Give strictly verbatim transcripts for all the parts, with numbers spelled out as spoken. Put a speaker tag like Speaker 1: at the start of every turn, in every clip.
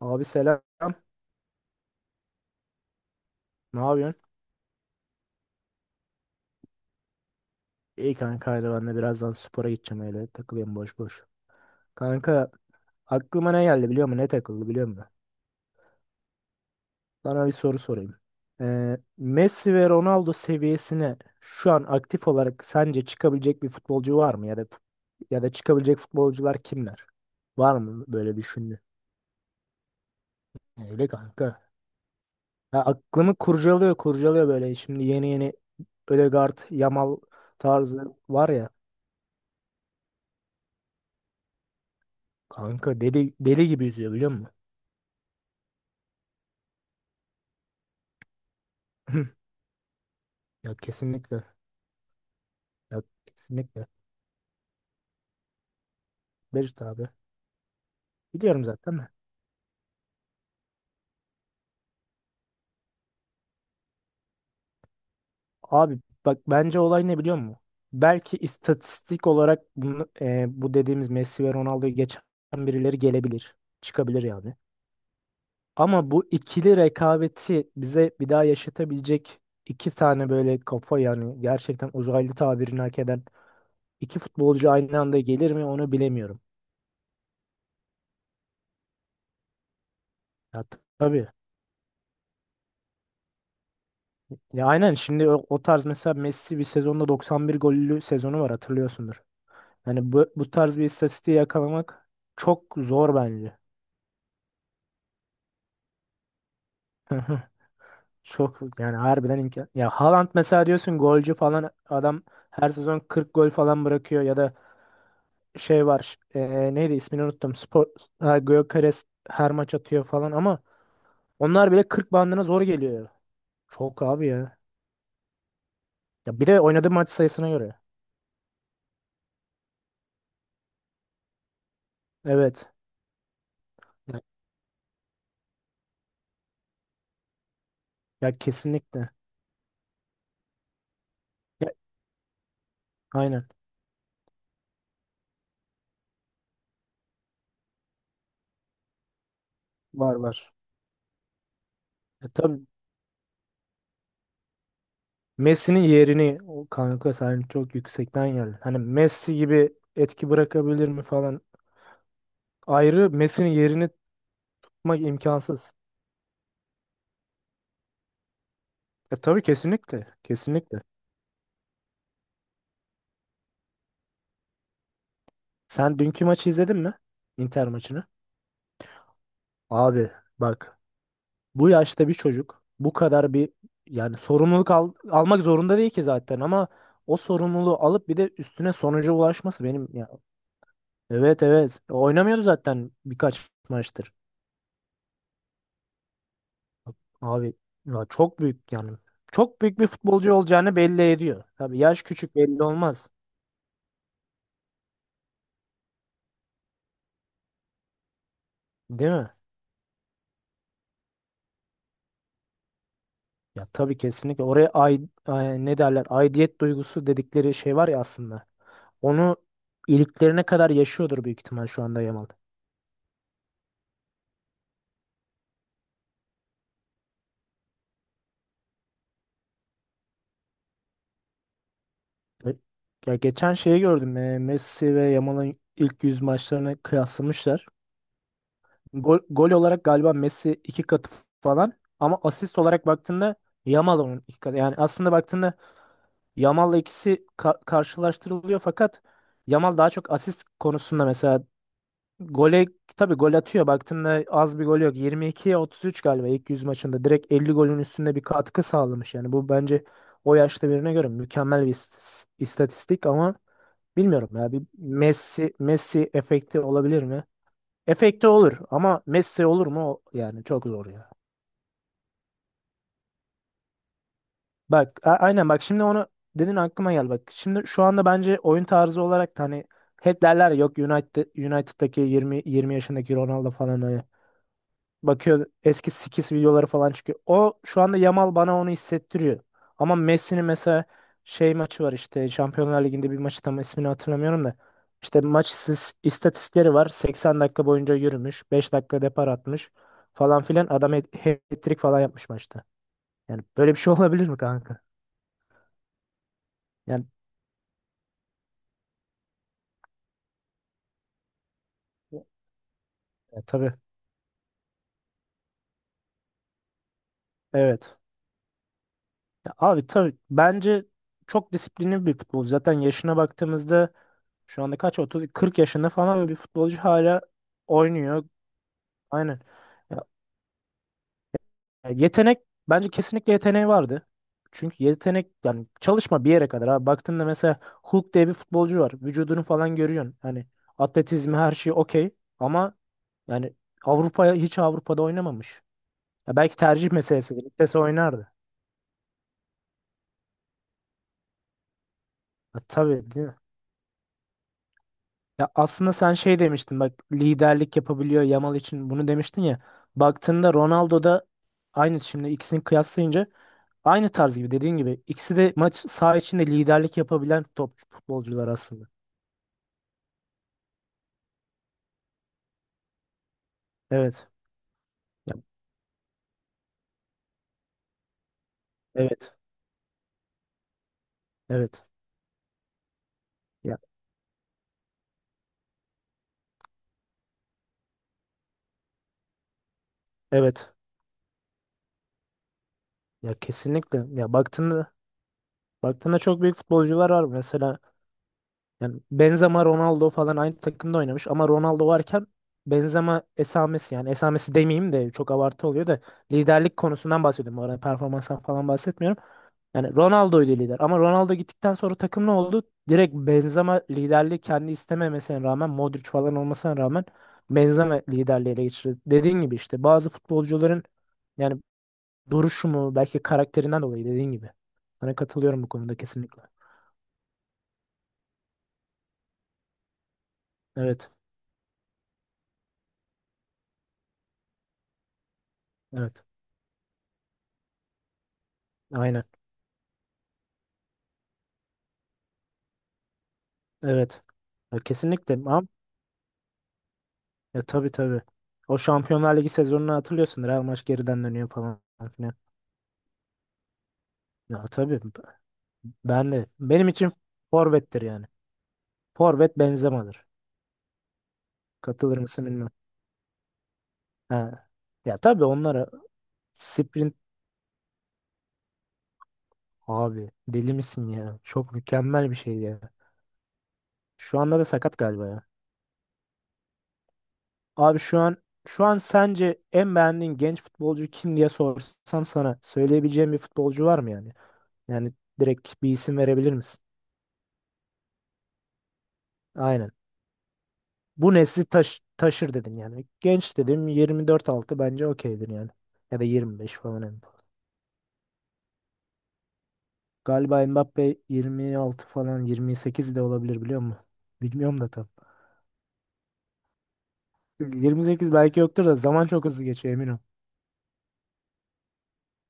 Speaker 1: Abi selam. Ne yapıyorsun? İyi kanka, haydi ben de birazdan spora gideceğim, öyle takılıyorum boş boş. Kanka, aklıma ne geldi biliyor musun? Ne takıldı biliyor musun? Sana bir soru sorayım. Ee, Messi ve Ronaldo seviyesine şu an aktif olarak sence çıkabilecek bir futbolcu var mı? Ya da fut- ya da çıkabilecek futbolcular kimler? Var mı böyle düşündü? Öyle kanka. Ya aklımı kurcalıyor kurcalıyor böyle, şimdi yeni yeni Ødegaard, Yamal tarzı var ya. Kanka, deli deli gibi yüzüyor biliyor musun? Ya kesinlikle. Ya kesinlikle. Berit abi. Biliyorum zaten de. Abi, bak bence olay ne biliyor musun? Belki istatistik olarak bunu, e, bu dediğimiz Messi ve Ronaldo'yu geçen birileri gelebilir. Çıkabilir yani. Ama bu ikili rekabeti bize bir daha yaşatabilecek iki tane böyle kafa, yani gerçekten uzaylı tabirini hak eden iki futbolcu aynı anda gelir mi onu bilemiyorum. Ya t- tabii. Ya aynen, şimdi o, o tarz mesela Messi bir sezonda doksan bir gollü sezonu var, hatırlıyorsundur. Yani bu, bu tarz bir istatistiği yakalamak çok zor bence. Çok yani, harbiden imkan. Ya Haaland mesela, diyorsun golcü falan adam her sezon kırk gol falan bırakıyor ya da şey var eee, neydi, ismini unuttum. Spor. Ha, Gyökeres her maç atıyor falan ama onlar bile kırk bandına zor geliyor. Çok abi ya. Ya bir de oynadığı maç sayısına göre. Evet. Ya, ya kesinlikle. Ya, aynen. Var var. E tabii, Messi'nin yerini o kanka sen çok yüksekten geldin. Hani Messi gibi etki bırakabilir mi falan. Ayrı, Messi'nin yerini tutmak imkansız. E tabii kesinlikle. Kesinlikle. Sen dünkü maçı izledin mi? Inter maçını. Abi bak, bu yaşta bir çocuk bu kadar bir, yani sorumluluk al- almak zorunda değil ki zaten ama o sorumluluğu alıp bir de üstüne sonuca ulaşması benim ya. Evet, evet. Oynamıyordu zaten birkaç maçtır. Abi ya çok büyük yani. Çok büyük bir futbolcu olacağını belli ediyor. Tabii yaş küçük, belli olmaz. Değil mi? Ya tabii kesinlikle. Oraya ay, ay- ne derler? Aidiyet duygusu dedikleri şey var ya aslında. Onu iliklerine kadar yaşıyordur büyük ihtimal şu anda Yamal. E, Ya geçen şeyi gördüm. e, Messi ve Yamal'ın ilk yüz maçlarını kıyaslamışlar. Gol, gol olarak galiba Messi iki katı falan ama asist olarak baktığında Yamal onun iki katı. Yani aslında baktığında Yamal'la ikisi ka- karşılaştırılıyor fakat Yamal daha çok asist konusunda mesela gole, tabii gol atıyor, baktığında az bir gol yok, yirmi ikiye otuz üç galiba, ilk yüz maçında direkt elli golün üstünde bir katkı sağlamış, yani bu bence o yaşta birine göre mükemmel bir ist- istatistik ama bilmiyorum ya, bir Messi Messi efekti olabilir mi? Efekti olur ama Messi olur mu? O- Yani çok zor ya. Bak a- aynen, bak şimdi onu dedin aklıma gel bak. Şimdi şu anda bence oyun tarzı olarak da, hani hep derler ya, yok United United'daki yirmi yirmi yaşındaki Ronaldo falan, öyle. Bakıyor, eski skills videoları falan çıkıyor. O şu anda Yamal bana onu hissettiriyor. Ama Messi'nin mesela şey maçı var, işte Şampiyonlar Ligi'nde bir maçı, tam ismini hatırlamıyorum da. İşte maç istis- istatistikleri var. seksen dakika boyunca yürümüş. beş dakika depar atmış falan filan. Adam hat- hat-trick falan yapmış maçta. Yani böyle bir şey olabilir mi kanka? Yani. Ya, tabii. Evet. Ya abi tabii, bence çok disiplinli bir futbolcu. Zaten yaşına baktığımızda, şu anda kaç, otuz kırk yaşında falan bir futbolcu hala oynuyor. Aynen. Ya, ya, yetenek bence kesinlikle, yeteneği vardı. Çünkü yetenek, yani çalışma bir yere kadar. Abi baktığında mesela Hulk diye bir futbolcu var. Vücudunu falan görüyorsun. Hani atletizmi her şey okey ama, yani Avrupa'ya hiç Avrupa'da oynamamış. Ya belki tercih meselesidir. Lig'de oynardı. Ya tabii değil mi? Ya aslında sen şey demiştin bak, liderlik yapabiliyor Yamal için bunu demiştin ya. Baktığında Ronaldo da aynı, şimdi ikisini kıyaslayınca aynı tarz gibi, dediğin gibi ikisi de maç saha içinde liderlik yapabilen top futbolcular aslında. Evet. Ya, evet. Evet. Ya evet. Ya kesinlikle. Ya baktığında baktığında çok büyük futbolcular var mesela. Yani Benzema, Ronaldo falan aynı takımda oynamış ama Ronaldo varken Benzema esamesi, yani esamesi demeyeyim de çok abartı oluyor da, liderlik konusundan bahsediyorum. Bu arada performanstan falan bahsetmiyorum. Yani Ronaldo'ydu lider ama Ronaldo gittikten sonra takım ne oldu? Direkt Benzema liderliği, kendi istememesine rağmen, Modric falan olmasına rağmen Benzema liderliği ele geçirdi. Dediğin gibi işte bazı futbolcuların, yani duruşu mu, belki karakterinden dolayı, dediğin gibi. Sana katılıyorum bu konuda kesinlikle. Evet, evet. Aynen. Evet. Ya kesinlikle. Ama ya tabii tabii. O Şampiyonlar Ligi sezonunu hatırlıyorsun, Real maç geriden dönüyor falan filan. Ya tabii. Ben de. Benim için forvettir yani. Forvet Benzema'dır. Katılır mısın bilmiyorum. Ha. Ya tabii onlara sprint, abi deli misin ya? Çok mükemmel bir şey ya. Şu anda da sakat galiba ya. Abi, şu an şu an sence en beğendiğin genç futbolcu kim diye sorsam, sana söyleyebileceğim bir futbolcu var mı yani? Yani direkt bir isim verebilir misin? Aynen. Bu nesli taş taşır dedim yani. Genç dedim, yirmi dört altı bence okeydir yani. Ya da yirmi beş falan en fazla. Galiba Mbappe yirmi altı falan, yirmi sekiz de olabilir biliyor musun? Bilmiyorum da tam. yirmi sekiz belki yoktur da zaman çok hızlı geçiyor, emin ol.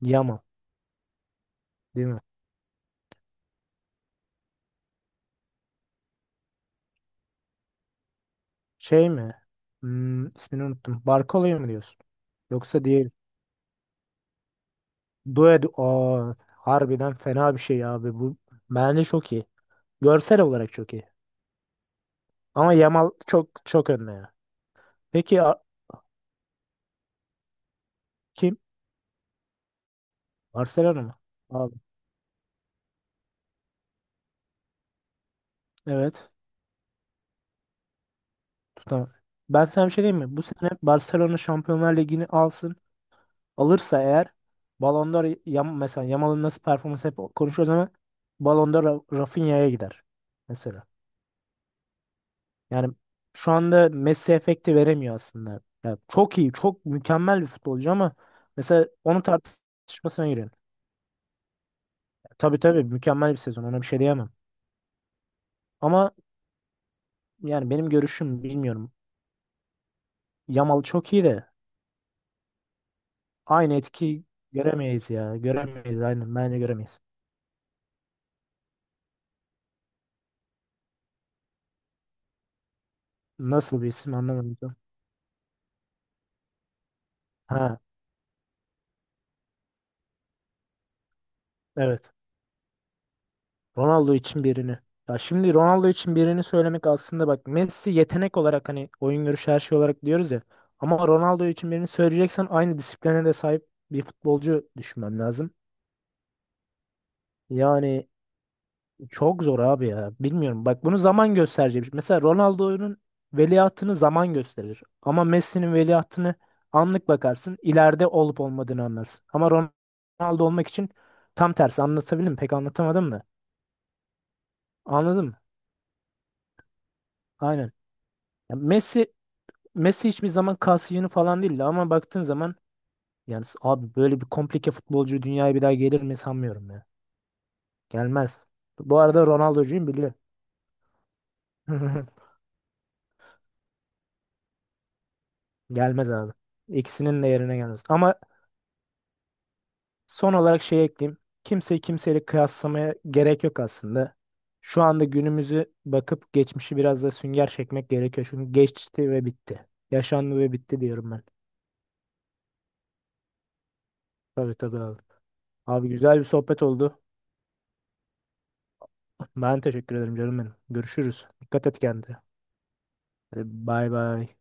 Speaker 1: Yama değil mi? Şey mi? Hmm, ismini unuttum. Barkola'ya mı diyorsun? Yoksa diğer Due Du- Aa, harbiden fena bir şey abi bu. Bence çok iyi. Görsel olarak çok iyi. Ama Yamal çok çok önde ya. Peki a- kim? Barcelona mı? Abi evet. Tutamam. Ben sana bir şey diyeyim mi? Bu sene Barcelona Şampiyonlar Ligi'ni alsın. Alırsa eğer Ballon d'Or, Yam- mesela Yamal'ın nasıl performans hep konuşuyoruz ama Ballon d'Or Ra- Rafinha'ya gider mesela. Yani şu anda Messi efekti veremiyor aslında. Yani çok iyi, çok mükemmel bir futbolcu ama mesela onun tartışmasına giriyor. Tabii tabii, mükemmel bir sezon, ona bir şey diyemem. Ama yani benim görüşüm, bilmiyorum. Yamal çok iyi de aynı etki göremeyiz ya. Göremeyiz aynen. Bence göremeyiz. Nasıl bir isim anlamadım. Ha evet. Ronaldo için birini. Ya şimdi Ronaldo için birini söylemek aslında, bak Messi yetenek olarak hani, oyun görüşü her şey olarak diyoruz ya. Ama Ronaldo için birini söyleyeceksen aynı disipline de sahip bir futbolcu düşünmem lazım. Yani. Çok zor abi ya. Bilmiyorum. Bak bunu zaman gösterecek. Mesela Ronaldo'nun veliahtını zaman gösterir. Ama Messi'nin veliahtını anlık bakarsın, ileride olup olmadığını anlarsın. Ama Ronaldo olmak için tam tersi. Anlatabildim mi? Pek anlatamadım da. Anladın mı? Aynen. Ya Messi Messi hiçbir zaman kasiyonu falan değildi ama baktığın zaman yani, s- abi böyle bir komplike futbolcu dünyaya bir daha gelir mi sanmıyorum ya. Gelmez. Bu arada Ronaldo'cuyum biliyor. Gelmez abi. İkisinin de yerine gelmez. Ama son olarak şey ekleyeyim. Kimseyi kimseyle kıyaslamaya gerek yok aslında. Şu anda günümüzü bakıp geçmişi biraz da sünger çekmek gerekiyor. Çünkü geçti ve bitti. Yaşandı ve bitti diyorum ben. Tabii tabii abi. Abi güzel bir sohbet oldu. Ben teşekkür ederim canım benim. Görüşürüz. Dikkat et kendine. Hadi bay bay.